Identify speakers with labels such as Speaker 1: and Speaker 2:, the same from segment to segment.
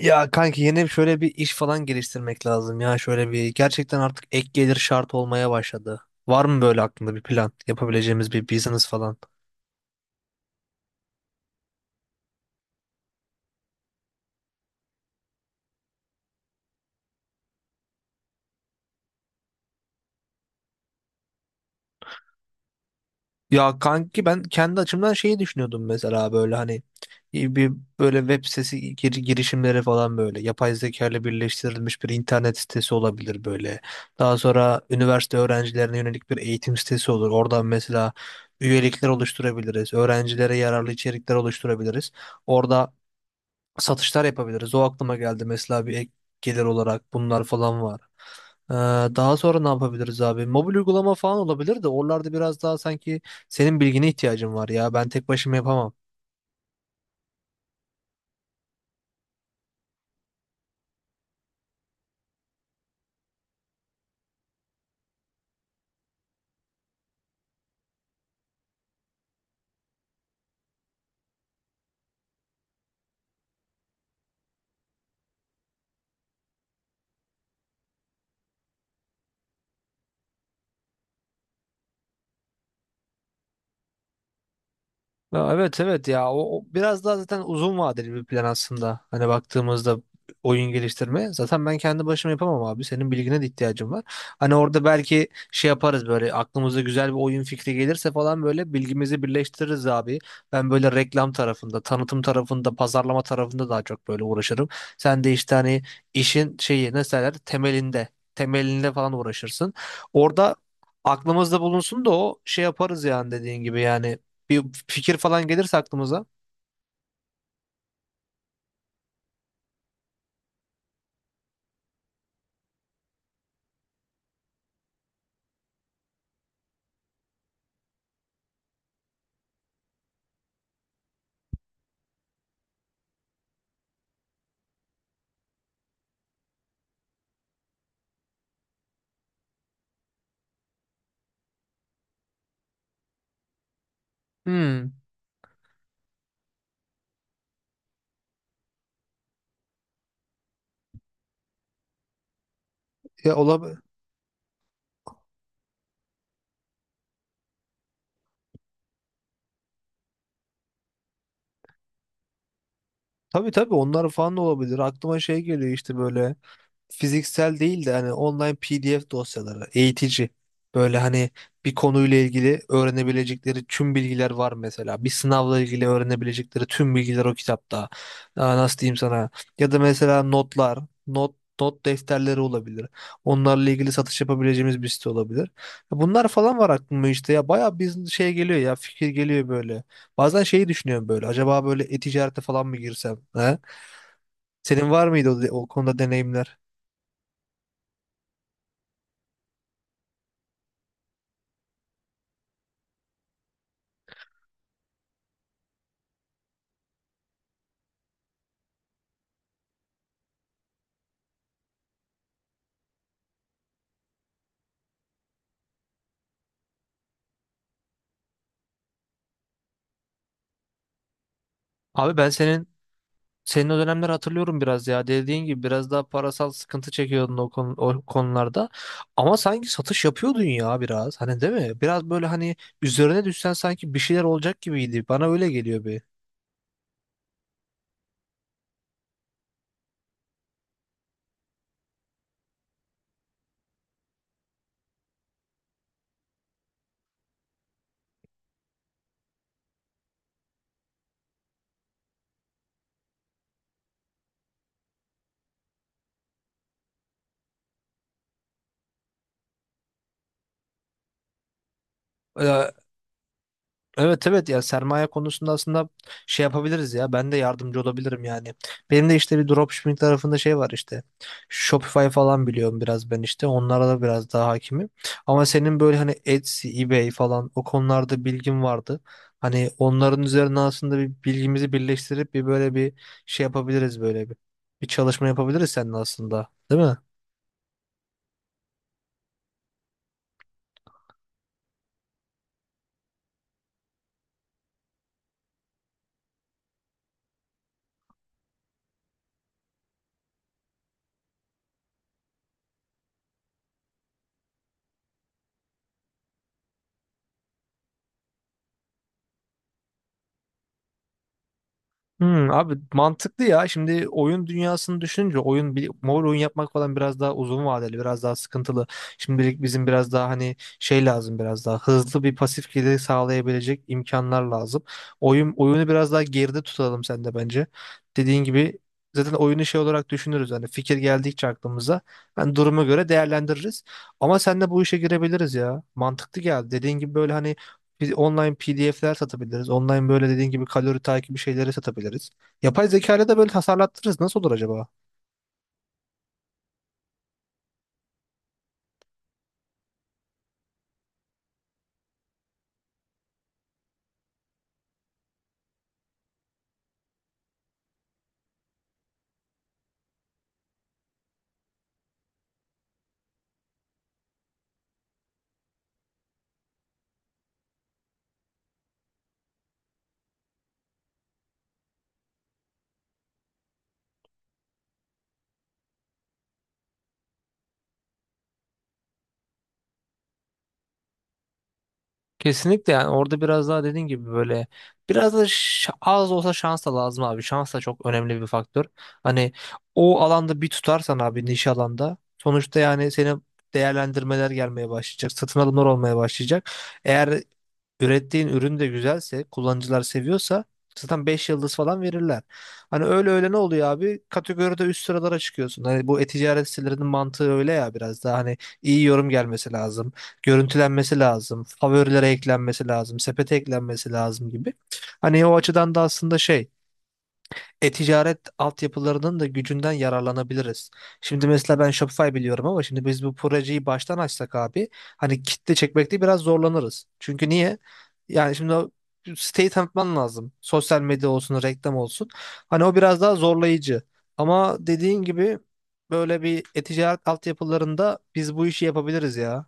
Speaker 1: Ya kanki yeni şöyle bir iş falan geliştirmek lazım ya, şöyle bir gerçekten artık ek gelir şart olmaya başladı. Var mı böyle aklında bir plan yapabileceğimiz bir business falan? Ya kanki ben kendi açımdan şeyi düşünüyordum mesela, böyle hani bir böyle web sitesi girişimleri falan, böyle yapay zeka ile birleştirilmiş bir internet sitesi olabilir böyle. Daha sonra üniversite öğrencilerine yönelik bir eğitim sitesi olur. Oradan mesela üyelikler oluşturabiliriz. Öğrencilere yararlı içerikler oluşturabiliriz. Orada satışlar yapabiliriz. O aklıma geldi mesela, bir ek gelir olarak bunlar falan var. Ee, Daha sonra ne yapabiliriz abi? Mobil uygulama falan olabilir de oralarda biraz daha sanki senin bilgine ihtiyacım var ya. Ben tek başıma yapamam. Ya evet, evet ya, o biraz daha zaten uzun vadeli bir plan aslında. Hani baktığımızda oyun geliştirme. Zaten ben kendi başıma yapamam abi. Senin bilgine de ihtiyacım var. Hani orada belki şey yaparız, böyle aklımıza güzel bir oyun fikri gelirse falan, böyle bilgimizi birleştiririz abi. Ben böyle reklam tarafında, tanıtım tarafında, pazarlama tarafında daha çok böyle uğraşırım. Sen de işte hani işin şeyi ne derler temelinde, temelinde falan uğraşırsın. Orada aklımızda bulunsun da o şey yaparız, yani dediğin gibi yani bir fikir falan gelirse aklımıza. Hmm. Ya olabilir. Tabii tabii, onlar falan da olabilir. Aklıma şey geliyor işte böyle. Fiziksel değil de hani online PDF dosyaları, eğitici. Böyle hani bir konuyla ilgili öğrenebilecekleri tüm bilgiler var mesela. Bir sınavla ilgili öğrenebilecekleri tüm bilgiler o kitapta. Aa, nasıl diyeyim sana? Ya da mesela notlar, not defterleri olabilir. Onlarla ilgili satış yapabileceğimiz bir site olabilir. Bunlar falan var aklıma, işte ya bayağı bir şey geliyor ya, fikir geliyor böyle. Bazen şeyi düşünüyorum, böyle acaba böyle e-ticarete falan mı girsem? He? Senin var mıydı o konuda deneyimler? Abi ben senin, senin o dönemleri hatırlıyorum biraz ya. Dediğin gibi biraz daha parasal sıkıntı çekiyordun o konularda. Ama sanki satış yapıyordun ya biraz. Hani değil mi? Biraz böyle hani üzerine düşsen sanki bir şeyler olacak gibiydi. Bana öyle geliyor bir. Ee, Evet evet ya, sermaye konusunda aslında şey yapabiliriz ya, ben de yardımcı olabilirim yani. Benim de işte bir dropshipping tarafında şey var, işte Shopify falan biliyorum biraz ben, işte onlara da biraz daha hakimim. Ama senin böyle hani Etsy, eBay falan o konularda bilgin vardı. Hani onların üzerine aslında bir bilgimizi birleştirip bir böyle şey yapabiliriz böyle bir. Bir çalışma yapabiliriz seninle aslında, değil mi? Hmm, abi mantıklı ya. Şimdi oyun dünyasını düşününce oyun bir mobil oyun yapmak falan biraz daha uzun vadeli, biraz daha sıkıntılı. Şimdilik bizim biraz daha hani şey lazım, biraz daha hızlı bir pasif gelir sağlayabilecek imkanlar lazım. Oyun oyunu biraz daha geride tutalım sen de bence. Dediğin gibi zaten oyunu şey olarak düşünürüz, hani fikir geldikçe aklımıza. Ben duruma göre değerlendiririz. Ama sen de bu işe girebiliriz ya. Mantıklı geldi. Dediğin gibi böyle hani biz online PDF'ler satabiliriz. Online böyle dediğin gibi kalori takibi şeyleri satabiliriz. Yapay zeka ile de böyle tasarlattırırız. Nasıl olur acaba? Kesinlikle, yani orada biraz daha dediğin gibi böyle biraz da az olsa şans da lazım abi. Şans da çok önemli bir faktör. Hani o alanda bir tutarsan abi, niş alanda sonuçta, yani senin değerlendirmeler gelmeye başlayacak. Satın alımlar olmaya başlayacak. Eğer ürettiğin ürün de güzelse, kullanıcılar seviyorsa zaten 5 yıldız falan verirler. Hani öyle öyle ne oluyor abi? Kategoride üst sıralara çıkıyorsun. Hani bu e-ticaret sitelerinin mantığı öyle ya, biraz daha hani iyi yorum gelmesi lazım, görüntülenmesi lazım, favorilere eklenmesi lazım, sepete eklenmesi lazım gibi. Hani o açıdan da aslında şey, e-ticaret altyapılarının da gücünden yararlanabiliriz. Şimdi mesela ben Shopify biliyorum ama şimdi biz bu projeyi baştan açsak abi, hani kitle çekmekte biraz zorlanırız. Çünkü niye? Yani şimdi o siteyi tanıtman lazım. Sosyal medya olsun, reklam olsun. Hani o biraz daha zorlayıcı. Ama dediğin gibi böyle bir e-ticaret altyapılarında biz bu işi yapabiliriz ya.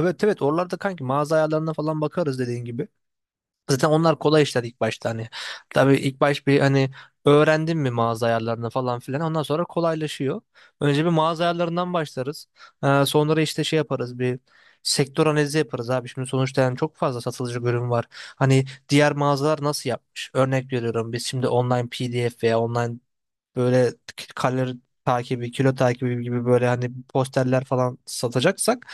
Speaker 1: Evet evet, oralarda kanki mağaza ayarlarına falan bakarız dediğin gibi. Zaten onlar kolay işler ilk başta hani. Tabii ilk baş bir hani öğrendin mi mağaza ayarlarını falan filan, ondan sonra kolaylaşıyor. Önce bir mağaza ayarlarından başlarız. Sonra işte şey yaparız, bir sektör analizi yaparız abi. Şimdi sonuçta yani çok fazla satılıcı ürün var. Hani diğer mağazalar nasıl yapmış? Örnek veriyorum, biz şimdi online PDF veya online böyle kalori takibi, kilo takibi gibi böyle hani posterler falan satacaksak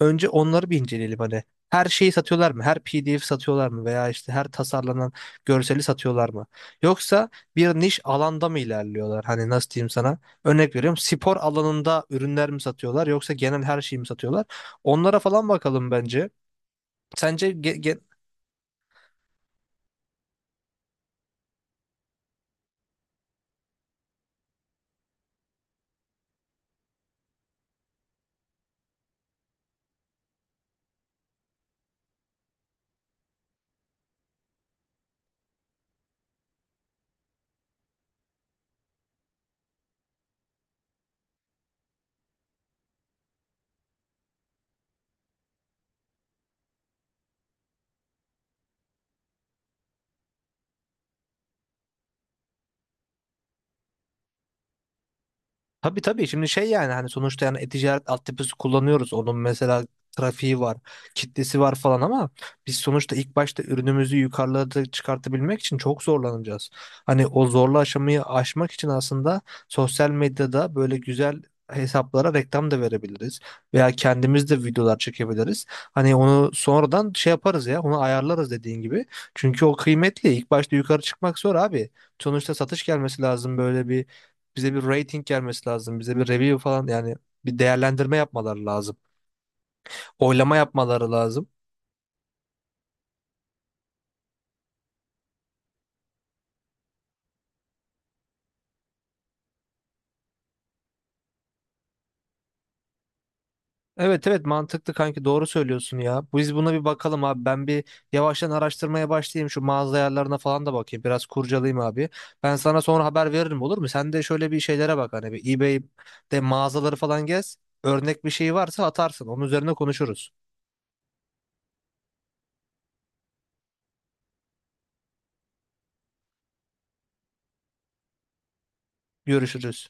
Speaker 1: önce onları bir inceleyelim hani. Her şeyi satıyorlar mı? Her PDF satıyorlar mı? Veya işte her tasarlanan görseli satıyorlar mı? Yoksa bir niş alanda mı ilerliyorlar? Hani nasıl diyeyim sana? Örnek veriyorum, spor alanında ürünler mi satıyorlar yoksa genel her şeyi mi satıyorlar? Onlara falan bakalım bence. Sence ge- ge- Tabii tabii, şimdi şey yani hani sonuçta yani e-ticaret altyapısı kullanıyoruz. Onun mesela trafiği var, kitlesi var falan ama biz sonuçta ilk başta ürünümüzü yukarılara çıkartabilmek için çok zorlanacağız. Hani o zorlu aşamayı aşmak için aslında sosyal medyada böyle güzel hesaplara reklam da verebiliriz veya kendimiz de videolar çekebiliriz. Hani onu sonradan şey yaparız ya, onu ayarlarız dediğin gibi. Çünkü o kıymetli. İlk başta yukarı çıkmak zor abi. Sonuçta satış gelmesi lazım, böyle bize bir rating gelmesi lazım. Bize bir review falan, yani bir değerlendirme yapmaları lazım. Oylama yapmaları lazım. Evet evet, mantıklı kanki, doğru söylüyorsun ya. Biz buna bir bakalım abi. Ben bir yavaştan araştırmaya başlayayım. Şu mağaza ayarlarına falan da bakayım. Biraz kurcalayayım abi. Ben sana sonra haber veririm, olur mu? Sen de şöyle bir şeylere bak, hani bir eBay'de mağazaları falan gez. Örnek bir şey varsa atarsın. Onun üzerine konuşuruz. Görüşürüz.